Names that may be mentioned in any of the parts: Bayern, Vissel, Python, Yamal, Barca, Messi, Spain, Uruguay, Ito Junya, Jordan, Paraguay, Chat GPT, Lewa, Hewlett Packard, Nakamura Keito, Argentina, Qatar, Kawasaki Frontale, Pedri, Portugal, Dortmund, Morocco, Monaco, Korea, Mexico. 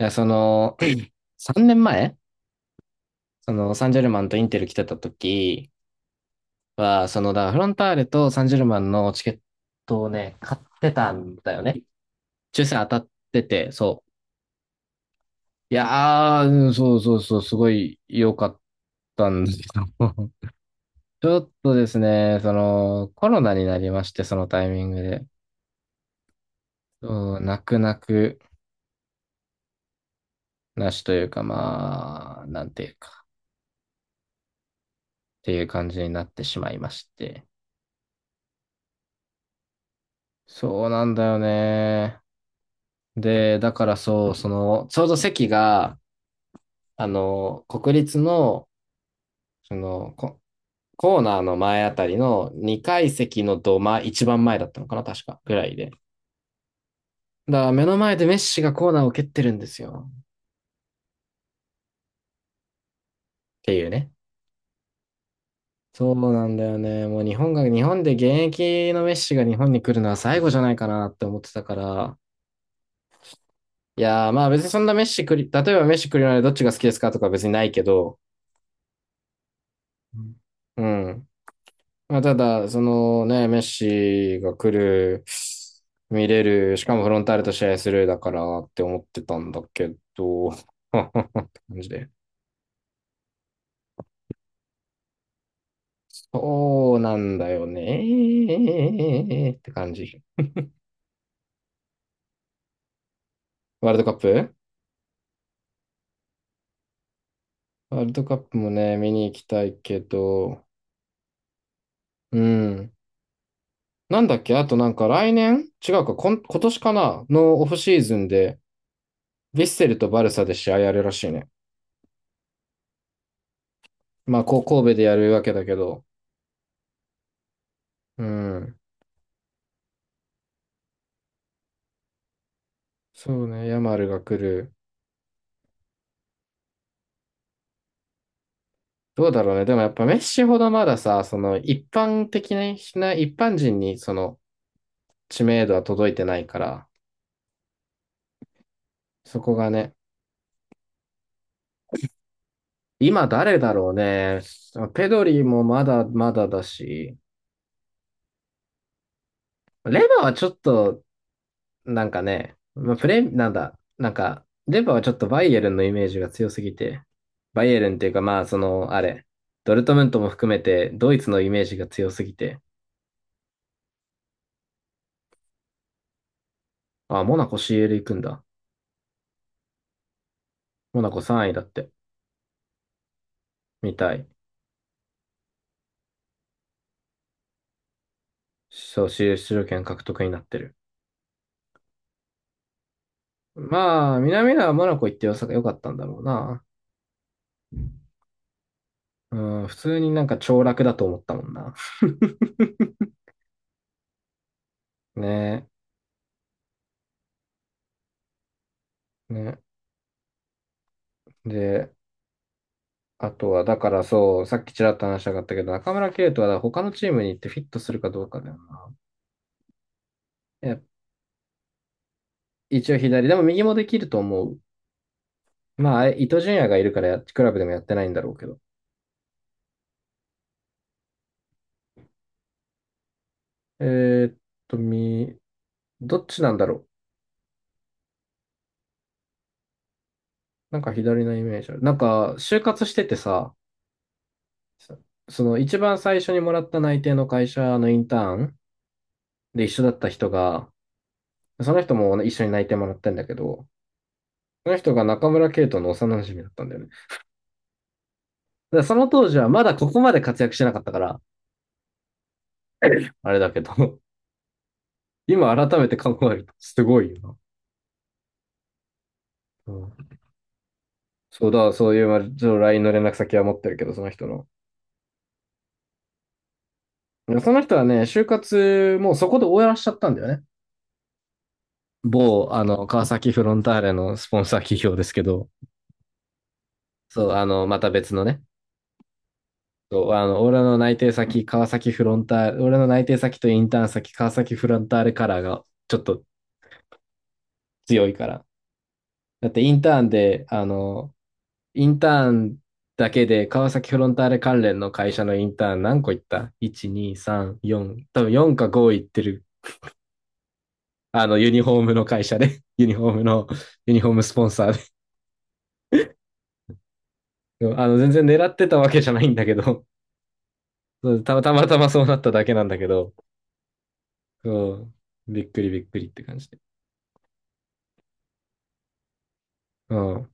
いや、3年前、サンジェルマンとインテル来てた時は、だからフロンターレとサンジェルマンのチケットをね、買ってたんだよね。抽選当たってて、そう。いやー、うんそうそうそう、すごい良かったんですけど。ちょっとですね、コロナになりまして、そのタイミングで。泣く泣くなしというか、まあ、なんていうか、っていう感じになってしまいまして。そうなんだよね。で、だからそう、ちょうど席が、国立の、その、ココーナーの前あたりの2階席の一番前だったのかな、確か、ぐらいで。だから目の前でメッシがコーナーを蹴ってるんですよ。っていうね。そうなんだよね。もう日本で現役のメッシが日本に来るのは最後じゃないかなって思ってたから。いやー、まあ別にそんなメッシくり、例えばメッシ来るのでどっちが好きですかとか別にないけど、うん。まあ、ただ、そのね、メッシが来る、見れる、しかもフロンターレと試合するだからって思ってたんだけど、って感じで。そうなんだよねって感じ。ワールドカップ。ワールドカップもね、見に行きたいけど、うん。なんだっけあとなんか来年違うか、今年かなのオフシーズンで、ヴィッセルとバルサで試合やるらしいね。まあ、こう神戸でやるわけだけど、うん。そうね、ヤマルが来る。どうだろうね。でもやっぱメッシほどまださ、一般人にその知名度は届いてないから、そこがね。今誰だろうね。ペドリもまだまだだし、レバーはちょっと、なんかね、まあ、プレ、なんだ、なんか、レバーはちょっとバイエルンのイメージが強すぎて、バイエルンっていうかまあその、あれ、ドルトムントも含めてドイツのイメージが強すぎて、あ、モナコ CL 行くんだ。モナコ3位だって。みたい。そう、出場権獲得になってる。まあ、南野はモナコ行って良さが良かったんだろうな。うん、普通になんか凋落だと思ったもんな。ねえ、ね。で、あとは、だからそう、さっきちらっと話したかったけど、中村敬斗は他のチームに行ってフィットするかどうかだよな。いや、一応左、でも右もできると思う。まあ、伊東純也がいるからクラブでもやってないんだろうけど。えーっと、み、どっちなんだろう。なんか左のイメージある。なんか、就活しててさ、そその一番最初にもらった内定の会社のインターンで一緒だった人が、その人も一緒に内定もらったんだけど、その人が中村圭斗の幼馴染だったんだよね。だからその当時はまだここまで活躍してなかったから、あれだけど、今改めて考えるとすごいよな。うん、そうだ、そういう、まあちょっと LINE の連絡先は持ってるけど、その人の。その人はね、就活もうそこで終わらしちゃったんだよね。某、川崎フロンターレのスポンサー企業ですけど、そう、また別のね、そう、俺の内定先、川崎フロンターレ、俺の内定先とインターン先、川崎フロンターレカラーがちょっと強いから。だってインターンで、あの、インターンだけで川崎フロンターレ関連の会社のインターン何個行った ?1、2、3、4、多分4か5行ってる。ユニフォームの会社で、ユニフォームの、ユニフォームスポンサーで。全然狙ってたわけじゃないんだけど、そうたまたまそうなっただけなんだけど、そう、びっくりびっくりって感じで。うん。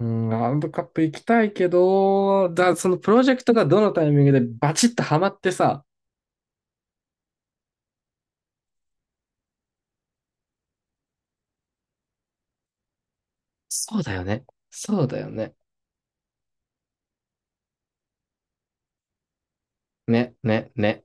うん、ワールドカップ行きたいけど、そのプロジェクトがどのタイミングでバチッとハマってさ、そうだよね。そうだよね。ね、ね、ね。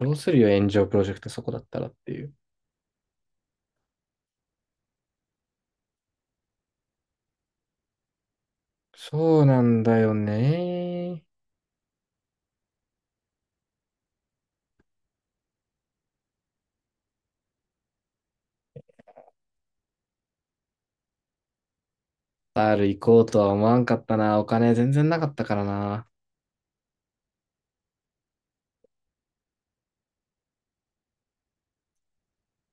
どうするよ、炎上プロジェクトそこだったらっていう。そうなんだよね。カタール行こうとは思わんかったな。お金全然なかったからな。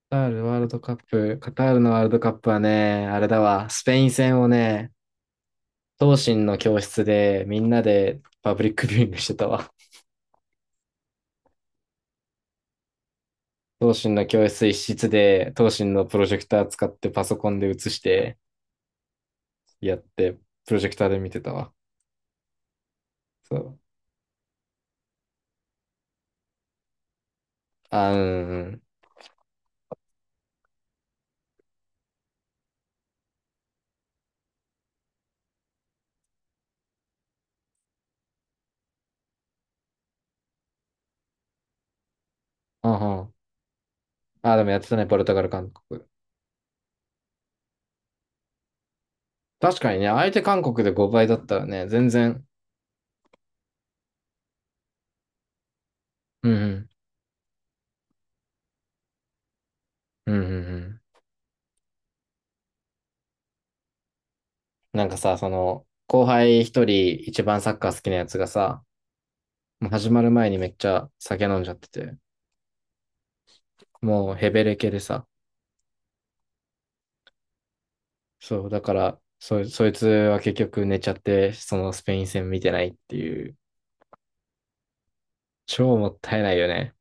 カタールのワールドカップはね、あれだわ、スペイン戦をね、同心の教室でみんなでパブリックビューイングしてたわ。同心の教室一室で、同心のプロジェクター使ってパソコンで映してやって、プロジェクターで見てたわ。そう。あ、うんうん。あ、うんあ、でもやってたね、ポルトガル、韓国。確かにね、相手韓国で5倍だったらね、全然。うんうん。うんうんうん。なんかさ、後輩一人一番サッカー好きなやつがさ、もう始まる前にめっちゃ酒飲んじゃってて、もうヘベレケでさ、そう、だから、そいつは結局寝ちゃって、そのスペイン戦見てないっていう、超もったいないよね。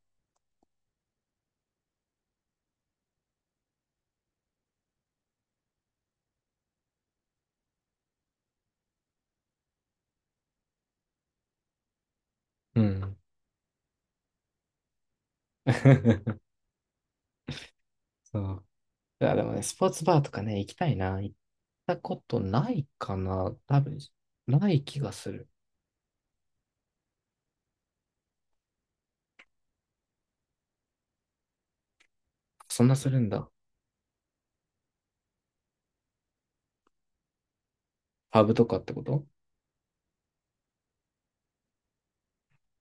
うん。そう。いや、でもね、スポーツバーとかね、行きたいな。行ったことないかな。多分、ない気がする。そんなするんだ。パブとかってこと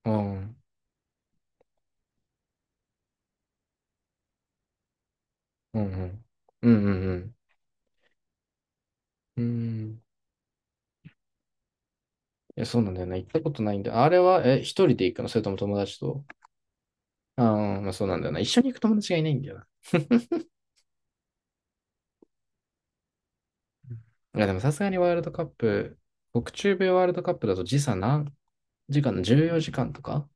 うん。うんうん。うんうんうん。うん。いや、そうなんだよな、行ったことないんだよ。あれは、一人で行くのそれとも友達とああー、まあそうなんだよな。一緒に行く友達がいないんだよな。いや、でもさすがにワールドカップ、北中米ワールドカップだと時差何時間 ?14 時間とか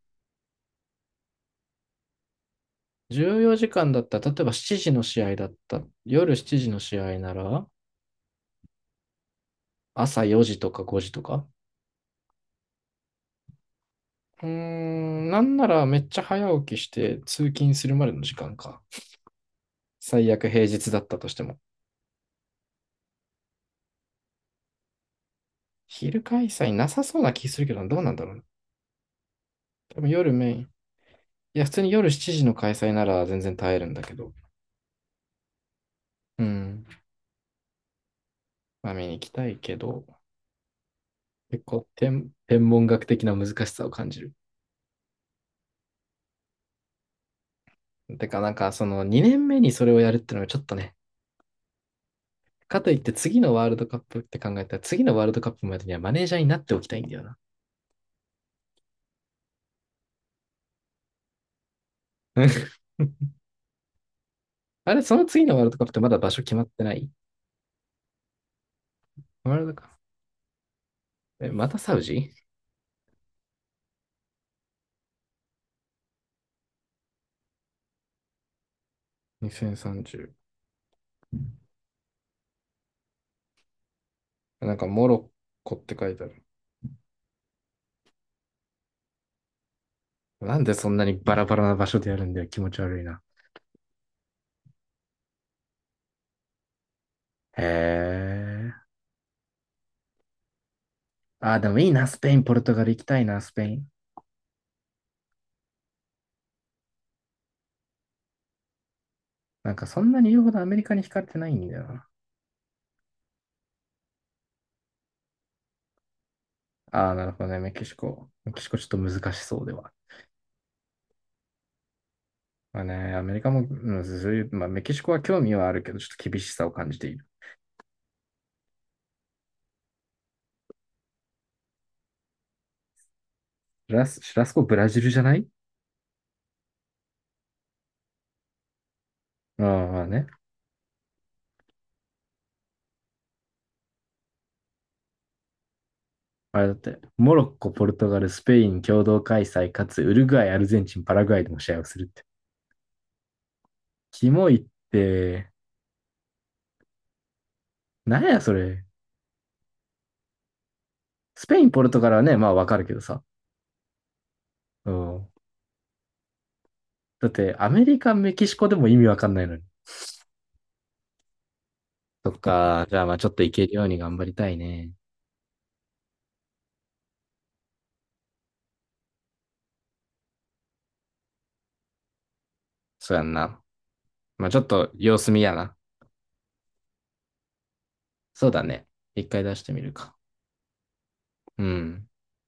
?14 時間だったら、例えば7時の試合だった。夜7時の試合なら、朝4時とか5時とか。うーん、なんならめっちゃ早起きして通勤するまでの時間か。最悪平日だったとしても。昼開催なさそうな気するけど、どうなんだろうね多分夜メイン。いや、普通に夜7時の開催なら全然耐えるんだけど。うん。まあ見に行きたいけど。結構天文学的な難しさを感じる。てか、なんか、その2年目にそれをやるってのはちょっとね、かといって次のワールドカップって考えたら、次のワールドカップまでにはマネージャーになっておきたいんだよな。あれ、その次のワールドカップってまだ場所決まってないワールドカップ。え、またサウジ ?2030。なんか、モロッコって書いてある。なんでそんなにバラバラな場所でやるんだよ。気持ち悪いな。へえ。あー、でもいいな。スペイン、ポルトガル行きたいな、スペイン。なんか、そんなに言うほどアメリカに惹かれてないんだよな。ああ、なるほどね。メキシコ。メキシコちょっと難しそうでは。まあね、アメリカも、うんそういう、まあ、メキシコは興味はあるけど、ちょっと厳しさを感じている。シラスコブラジルじゃないうん、まあね。あれだって、モロッコ、ポルトガル、スペイン共同開催、かつウルグアイ、アルゼンチン、パラグアイでも試合をするって。キモいって、なんやそれ。スペイン、ポルトガルはね、まあわかるけどさ。うん。だって、アメリカ、メキシコでも意味わかんないのに。そっか。じゃあまあちょっといけるように頑張りたいね。そうやんな。まあちょっと様子見やな。そうだね。一回出してみるか。うん。